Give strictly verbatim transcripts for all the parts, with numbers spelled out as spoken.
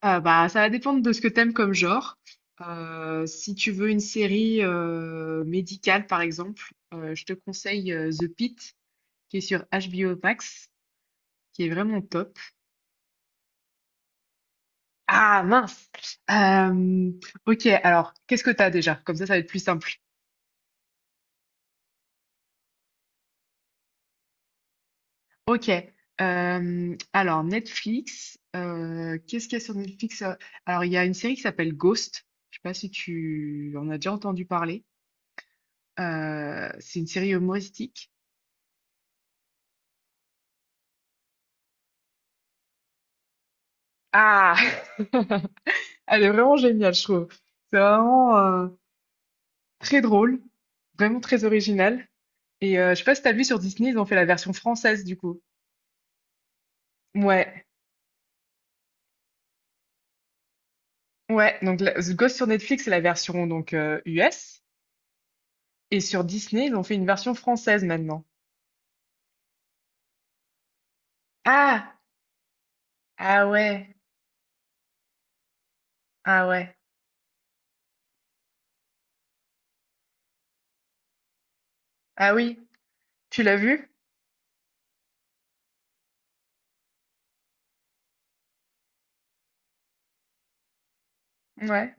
Ah bah, ça va dépendre de ce que t'aimes comme genre. Euh, si tu veux une série euh, médicale, par exemple, euh, je te conseille euh, The Pitt, qui est sur H B O Max, qui est vraiment top. Ah mince! Euh, ok, alors, qu'est-ce que t'as déjà? Comme ça, ça va être plus simple. Ok. Euh, alors, Netflix, euh, qu'est-ce qu'il y a sur Netflix? euh Alors, il y a une série qui s'appelle Ghost. Je sais pas si tu en as déjà entendu parler. Euh, c'est une série humoristique. Ah! Elle est vraiment géniale, je trouve. C'est vraiment euh, très drôle, vraiment très original. Et euh, je sais pas si t'as vu sur Disney, ils ont fait la version française du coup. Ouais, ouais. Donc la- The Ghost sur Netflix, c'est la version donc euh, U S. Et sur Disney, ils ont fait une version française maintenant. Ah! Ah ouais, ah ouais. Ah oui, tu l'as vu? Ouais,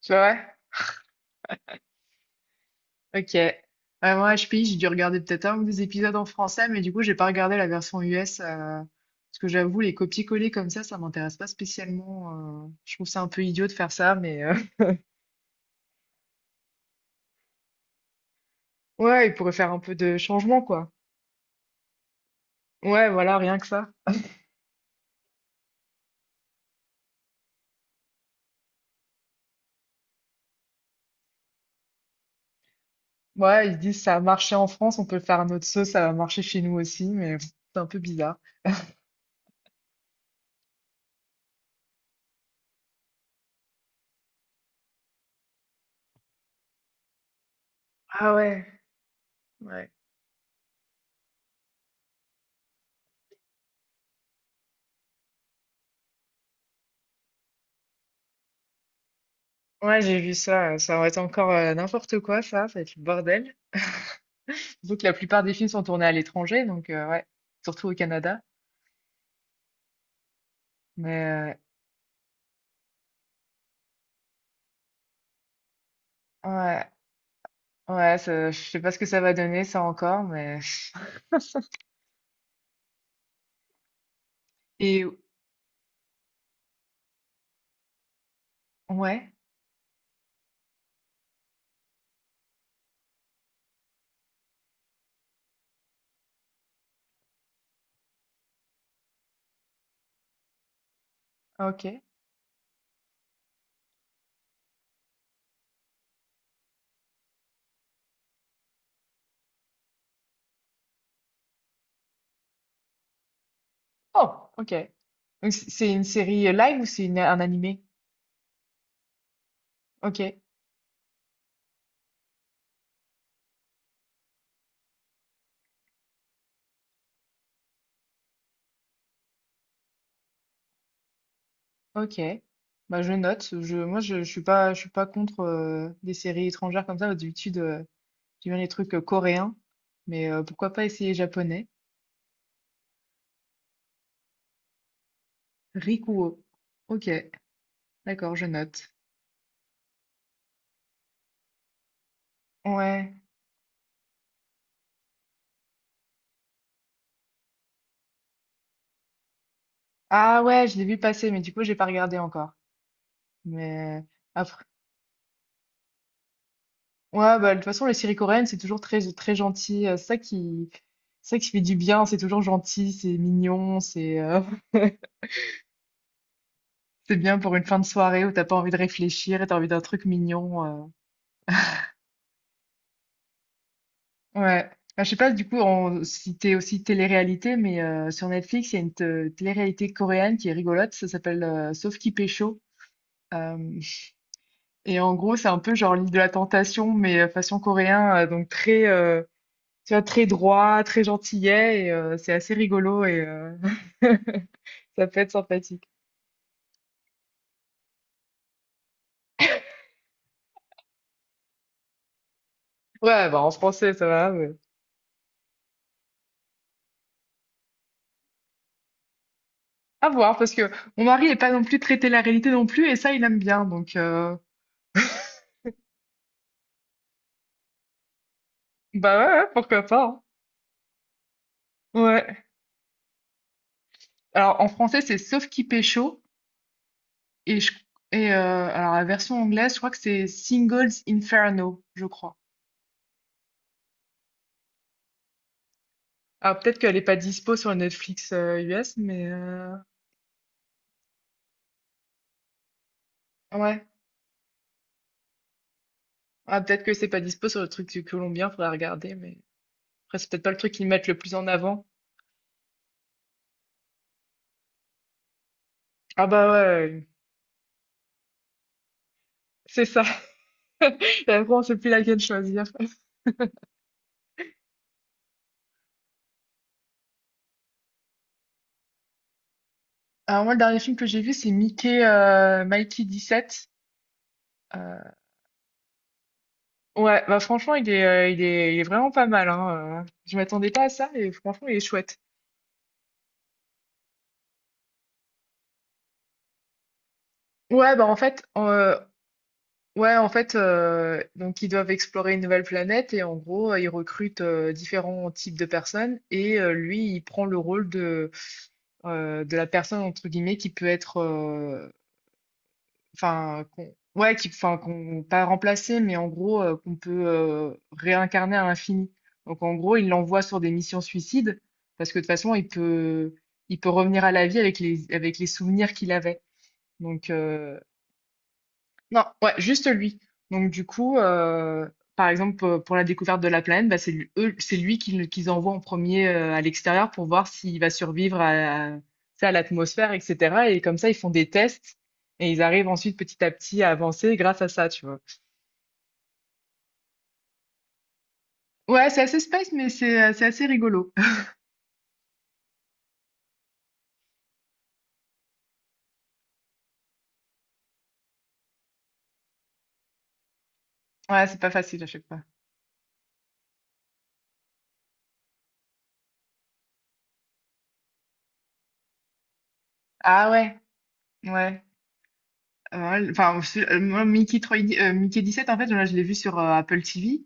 tu vois? Ok. Ouais, moi, H P I, j'ai dû regarder peut-être un ou deux épisodes en français, mais du coup, j'ai pas regardé la version U S. Euh, parce que j'avoue, les copier-coller comme ça, ça m'intéresse pas spécialement. Euh, je trouve ça un peu idiot de faire ça, mais euh, ouais, ils pourraient faire un peu de changement, quoi. Ouais, voilà, rien que ça. Ouais, ils se disent ça a marché en France, on peut le faire à notre sauce, ça va marcher chez nous aussi, mais pff, c'est un peu bizarre. Ah ouais, ouais. Ouais, j'ai vu ça. euh, Ça aurait été encore euh, n'importe quoi, ça. Ça va être le bordel. Surtout que la plupart des films sont tournés à l'étranger, donc euh, ouais, surtout au Canada. Mais euh, ouais, ouais, ça- je sais pas ce que ça va donner, ça encore, mais. Et ouais, ok. Oh, ok. Donc, c- c'est une série live ou c'est une- un animé? Ok, ok. Bah je note. Je, moi je, je suis pas, je suis pas contre euh, des séries étrangères comme ça. D'habitude, euh, j'aime bien les trucs euh, coréens, mais euh, pourquoi pas essayer japonais? Rikuo. Ok, d'accord, je note. Ouais. Ah ouais, je l'ai vu passer, mais du coup j'ai pas regardé encore. Mais après. Ouais, bah, de toute façon, les séries coréennes, c'est toujours très, très gentil. euh, C'est ça qui, c'est ça qui fait du bien. C'est toujours gentil, c'est mignon, c'est euh, c'est bien pour une fin de soirée où t'as pas envie de réfléchir et t'as envie d'un truc mignon. euh. Ouais. Bah, je sais pas, du coup, on, si t'es aussi télé-réalité, mais euh, sur Netflix, il y a une te- télé-réalité coréenne qui est rigolote. Ça s'appelle euh, Sauf qui pécho. Euh, et en gros, c'est un peu genre l'île de la tentation, mais euh, façon coréen, euh, donc très, euh, tu vois, très droit, très gentillet, et euh, c'est assez rigolo et euh, ça peut être sympathique. Ouais, bah, en français, ça va, mais à voir, parce que mon mari n'est pas non plus traité la réalité non plus, et ça, il aime bien, donc euh, bah ouais, ouais, pourquoi pas. Hein. Ouais. Alors, en français, c'est Sauf qui pécho, et, je, et euh, alors la version anglaise, je crois que c'est Singles Inferno, je crois. Alors, peut-être qu'elle n'est pas dispo sur Netflix euh, U S, mais euh, ouais. Ah, peut-être que c'est pas dispo sur le truc du Colombien, faudra regarder, mais... Après, c'est peut-être pas le truc qu'ils mettent le plus en avant. Ah bah ouais, c'est ça. Et après, on sait plus laquelle choisir. Alors moi, le dernier film que j'ai vu, c'est Mickey, euh, Mikey sept. Euh, ouais, bah franchement, il est, euh, il est, il est vraiment pas mal, hein. euh, Je m'attendais pas à ça, et franchement, il est chouette. Ouais, bah en fait, euh, ouais, en fait, euh, donc ils doivent explorer une nouvelle planète et en gros, euh, ils recrutent euh, différents types de personnes et euh, lui, il prend le rôle de, euh, de la personne entre guillemets qui peut être euh, enfin, qu'on, ouais, qui, enfin, qu'on, pas remplacer, mais en gros, euh, qu'on peut euh, réincarner à l'infini. Donc, en gros, il l'envoie sur des missions suicides, parce que de toute façon, il peut, il peut revenir à la vie avec les, avec les souvenirs qu'il avait. Donc, euh, non, ouais, juste lui. Donc du coup, euh, par exemple, euh, pour la découverte de la planète, bah, c'est lui, eux- c'est lui qu'ils qu'ils envoient en premier euh, à l'extérieur pour voir s'il va survivre à, à, tu à l'atmosphère, et cetera. Et comme ça, ils font des tests et ils arrivent ensuite petit à petit à avancer grâce à ça, tu vois. Ouais, c'est assez space, mais c'est euh, c'est assez rigolo. Ouais, c'est pas facile à chaque fois. Ah ouais, ouais. Euh, Enfin, c'est- euh, moi, Mickey, trois D euh, Mickey dix-sept, en fait, là, je l'ai vu sur euh, Apple T V.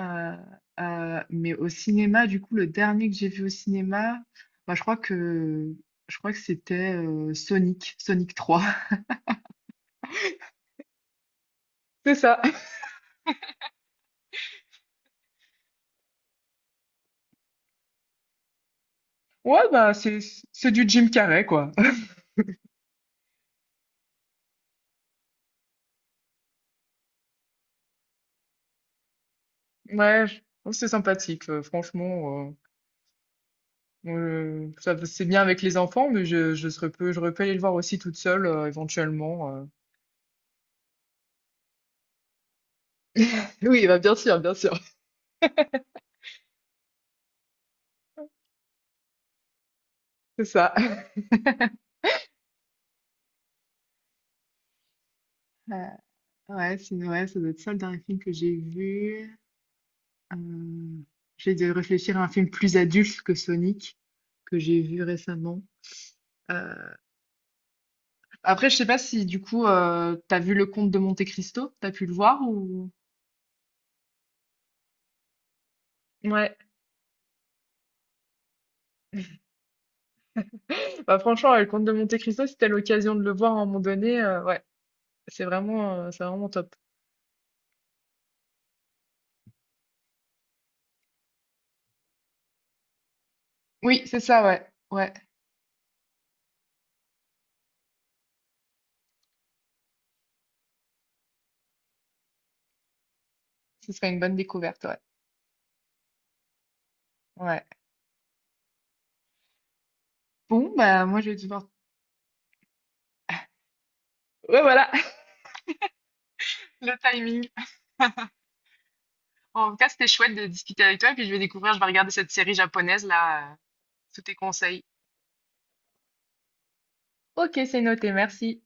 Euh, euh, mais au cinéma, du coup, le dernier que j'ai vu au cinéma, bah, je crois que je crois que c'était euh, Sonic, Sonic trois. C'est ça. Ouais, bah, c'est, c'est du Jim Carrey, quoi. Ouais, je trouve que c'est sympathique, euh, franchement. euh, euh, ça, c'est bien avec les enfants, mais je, je serais peu, j'aurais pu aller le voir aussi toute seule, euh, éventuellement. euh. Oui, bah, bien sûr, bien sûr. C'est ça. Euh, ouais, c'est ouais, ça doit être ça le dernier film que j'ai vu. Hem, J'essaie de réfléchir à un film plus adulte que Sonic, que j'ai vu récemment. Heu, Après, je sais pas si du coup, heu, tu vu Le Comte de Monte-Cristo? T'as pu le voir ou? Ouais, bah, franchement, ouais, Le Comte de Monte-Cristo, si t'as l'occasion de le voir à un moment donné, heu, ouais, c'est vraiment, heu, c'est vraiment top. Oui, c'est ça, ouais, ouais, ce serait une bonne découverte, ouais, ouais. Bon, bah, moi, je vais devoir. Ouais, voilà. Le timing. En tout cas, c'était chouette de discuter avec toi, et puis je vais découvrir, je vais regarder cette série japonaise là, heu, sous tes conseils. Ok, c'est noté, merci.